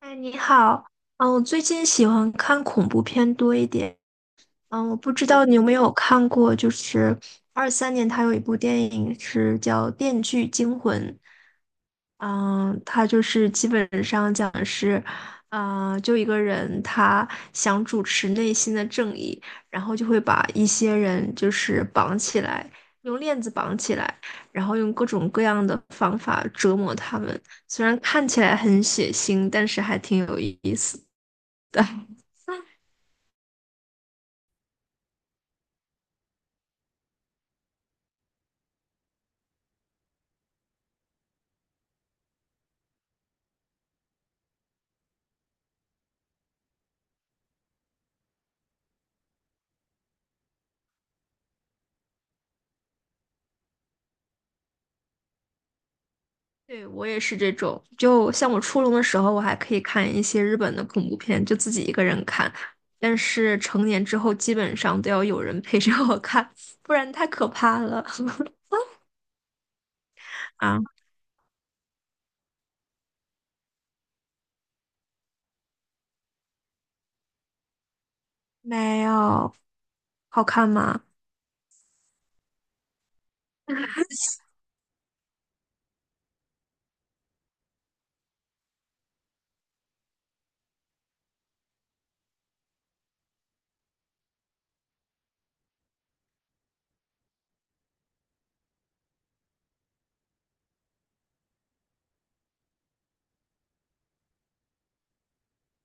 哎，你好，我最近喜欢看恐怖片多一点，我不知道你有没有看过，就是23年他有一部电影是叫《电锯惊魂》，嗯，他就是基本上讲的是，就一个人他想主持内心的正义，然后就会把一些人就是绑起来，用链子绑起来，然后用各种各样的方法折磨他们。虽然看起来很血腥，但是还挺有意思的。对，我也是这种。就像我初中的时候，我还可以看一些日本的恐怖片，就自己一个人看。但是成年之后，基本上都要有人陪着我看，不然太可怕了。啊，没有，好看吗？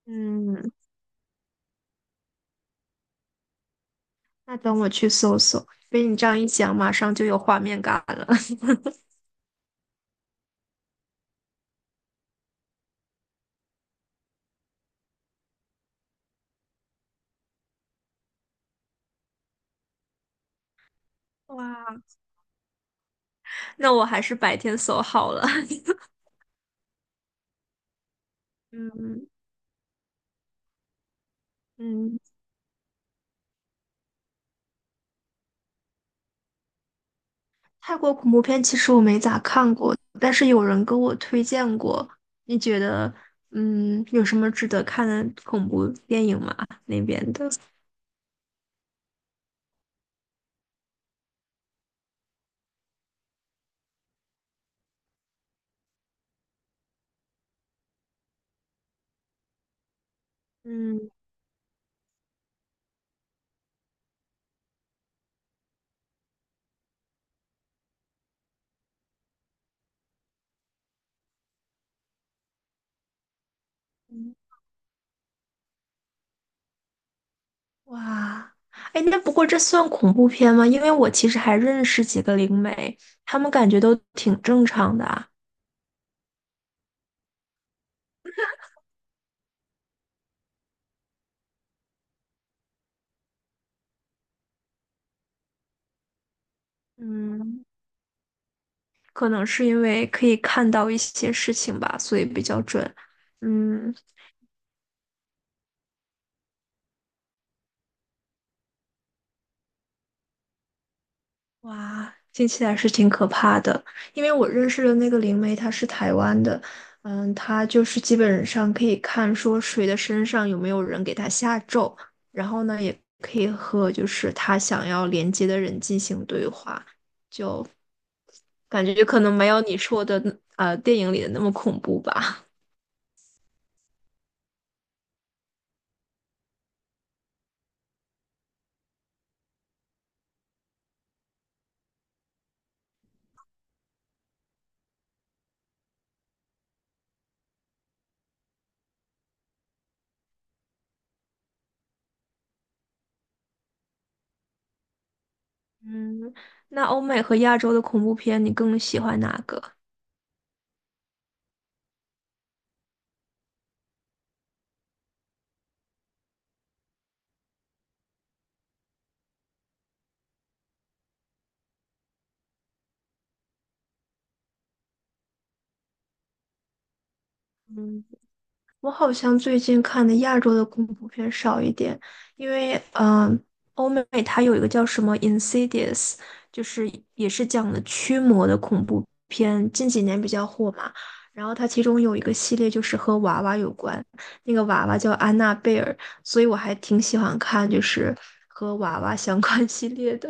嗯，那等我去搜搜。被你这样一讲，马上就有画面感了。哇，那我还是白天搜好了。嗯嗯。泰国恐怖片其实我没咋看过，但是有人跟我推荐过。你觉得，有什么值得看的恐怖电影吗？那边的，嗯，哇，哎，那不过这算恐怖片吗？因为我其实还认识几个灵媒，他们感觉都挺正常的啊。嗯，可能是因为可以看到一些事情吧，所以比较准。嗯。哇，听起来是挺可怕的。因为我认识的那个灵媒，她是台湾的，她就是基本上可以看说谁的身上有没有人给她下咒，然后呢，也可以和就是他想要连接的人进行对话，感觉可能没有你说的电影里的那么恐怖吧。嗯，那欧美和亚洲的恐怖片，你更喜欢哪个？嗯。我好像最近看的亚洲的恐怖片少一点，因为欧美它有一个叫什么《Insidious》,就是也是讲的驱魔的恐怖片，近几年比较火嘛。然后它其中有一个系列就是和娃娃有关，那个娃娃叫安娜贝尔，所以我还挺喜欢看就是和娃娃相关 系列的。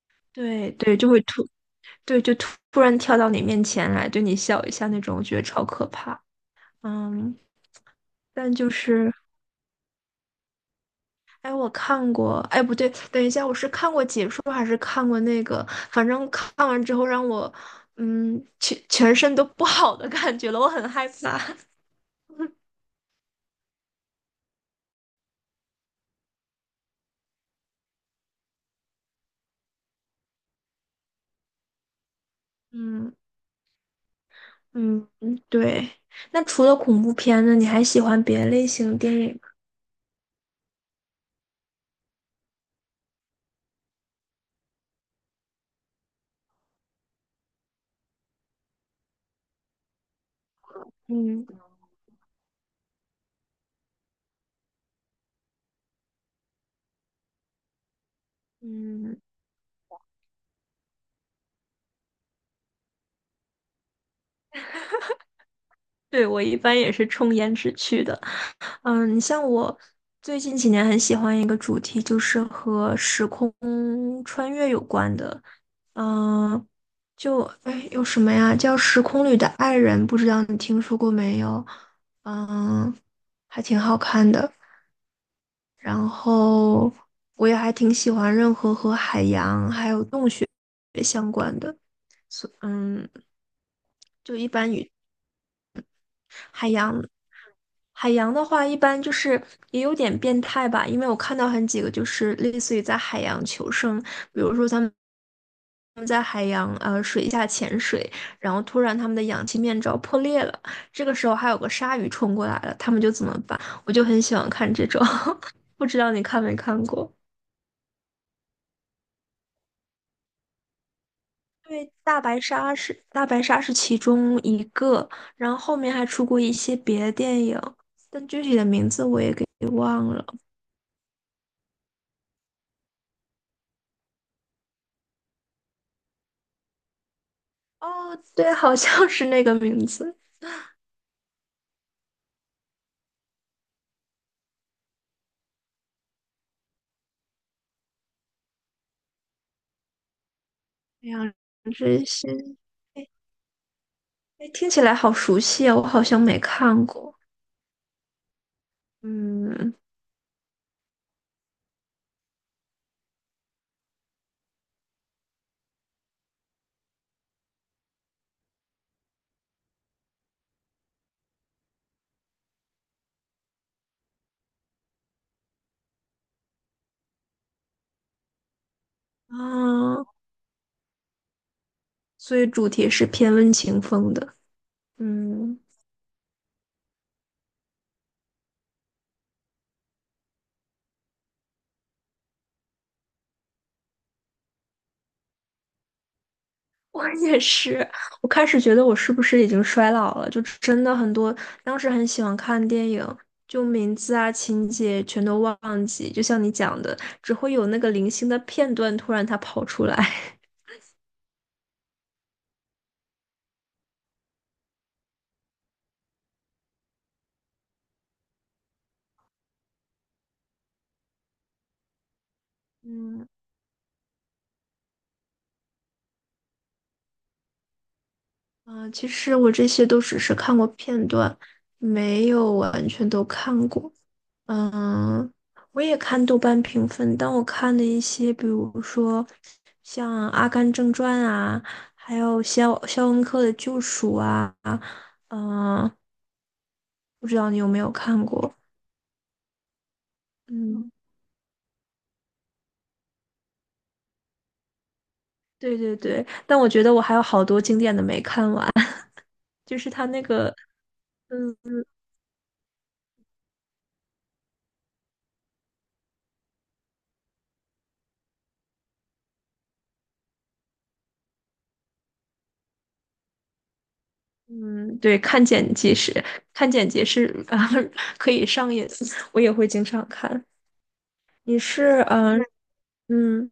对对，就会突对就突突然跳到你面前来，对你笑一下那种，我觉得超可怕。嗯，但就是。哎，我看过，哎，不对，等一下，我是看过解说还是看过那个？反正看完之后让我，全身都不好的感觉了，我很害怕。嗯嗯嗯，对。那除了恐怖片呢，你还喜欢别的类型电影吗？嗯嗯，对，我一般也是冲颜值去的。你像我最近几年很喜欢一个主题，就是和时空穿越有关的。嗯，就哎有什么呀？叫《时空里的爱人》，不知道你听说过没有？嗯，还挺好看的。然后我也还挺喜欢任何和海洋还有洞穴相关的。嗯，就一般与。海洋，海洋的话，一般就是也有点变态吧，因为我看到很几个就是类似于在海洋求生，比如说他们在海洋水下潜水，然后突然他们的氧气面罩破裂了，这个时候还有个鲨鱼冲过来了，他们就怎么办？我就很喜欢看这种，不知道你看没看过？对，大白鲨是其中一个，然后后面还出过一些别的电影，但具体的名字我也给忘了。哦，对，好像是那个名字。两只星，哎，哎听起来好熟悉啊，我好像没看过。嗯，啊，所以主题是偏温情风的。嗯，我也是。我开始觉得我是不是已经衰老了？就真的很多，当时很喜欢看电影，就名字啊、情节全都忘记，就像你讲的，只会有那个零星的片段突然它跑出来。嗯。嗯，其实我这些都只是看过片段，没有完全都看过。嗯，我也看豆瓣评分，但我看的一些，比如说像《阿甘正传》啊，还有肖肖恩克的《救赎》啊，嗯，不知道你有没有看过？嗯，对对对，但我觉得我还有好多经典的没看完，就是他那个。嗯。嗯，对，看剪辑是啊、可以上瘾，我也会经常看。你是嗯，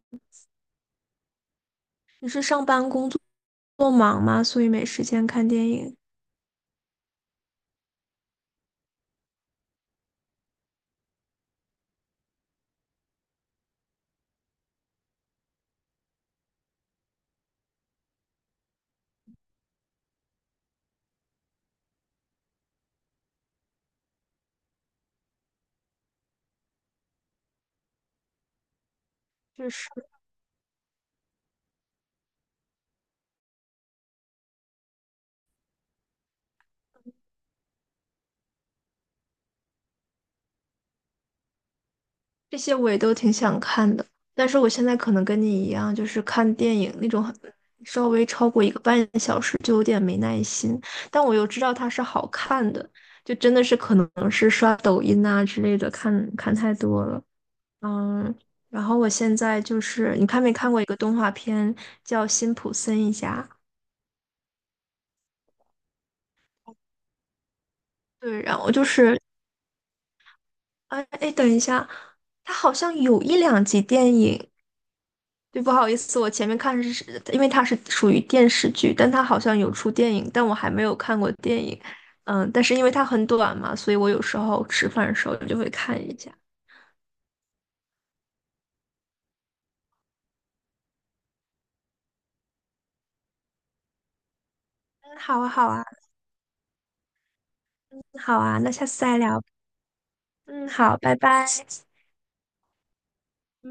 上班工作忙吗？所以没时间看电影。就是这些我也都挺想看的，但是我现在可能跟你一样，就是看电影那种很稍微超过1个半小时就有点没耐心，但我又知道它是好看的，就真的是可能是刷抖音啊之类的看看太多了。嗯，然后我现在就是，你看没看过一个动画片叫《辛普森一家》？对，然后就是，哎哎，等一下，它好像有一两集电影。对，不好意思，我前面看是，因为它是属于电视剧，但它好像有出电影，但我还没有看过电影。但是因为它很短嘛，所以我有时候吃饭的时候就会看一下。嗯，好啊，好啊，好啊，那下次再聊。嗯，好，拜拜。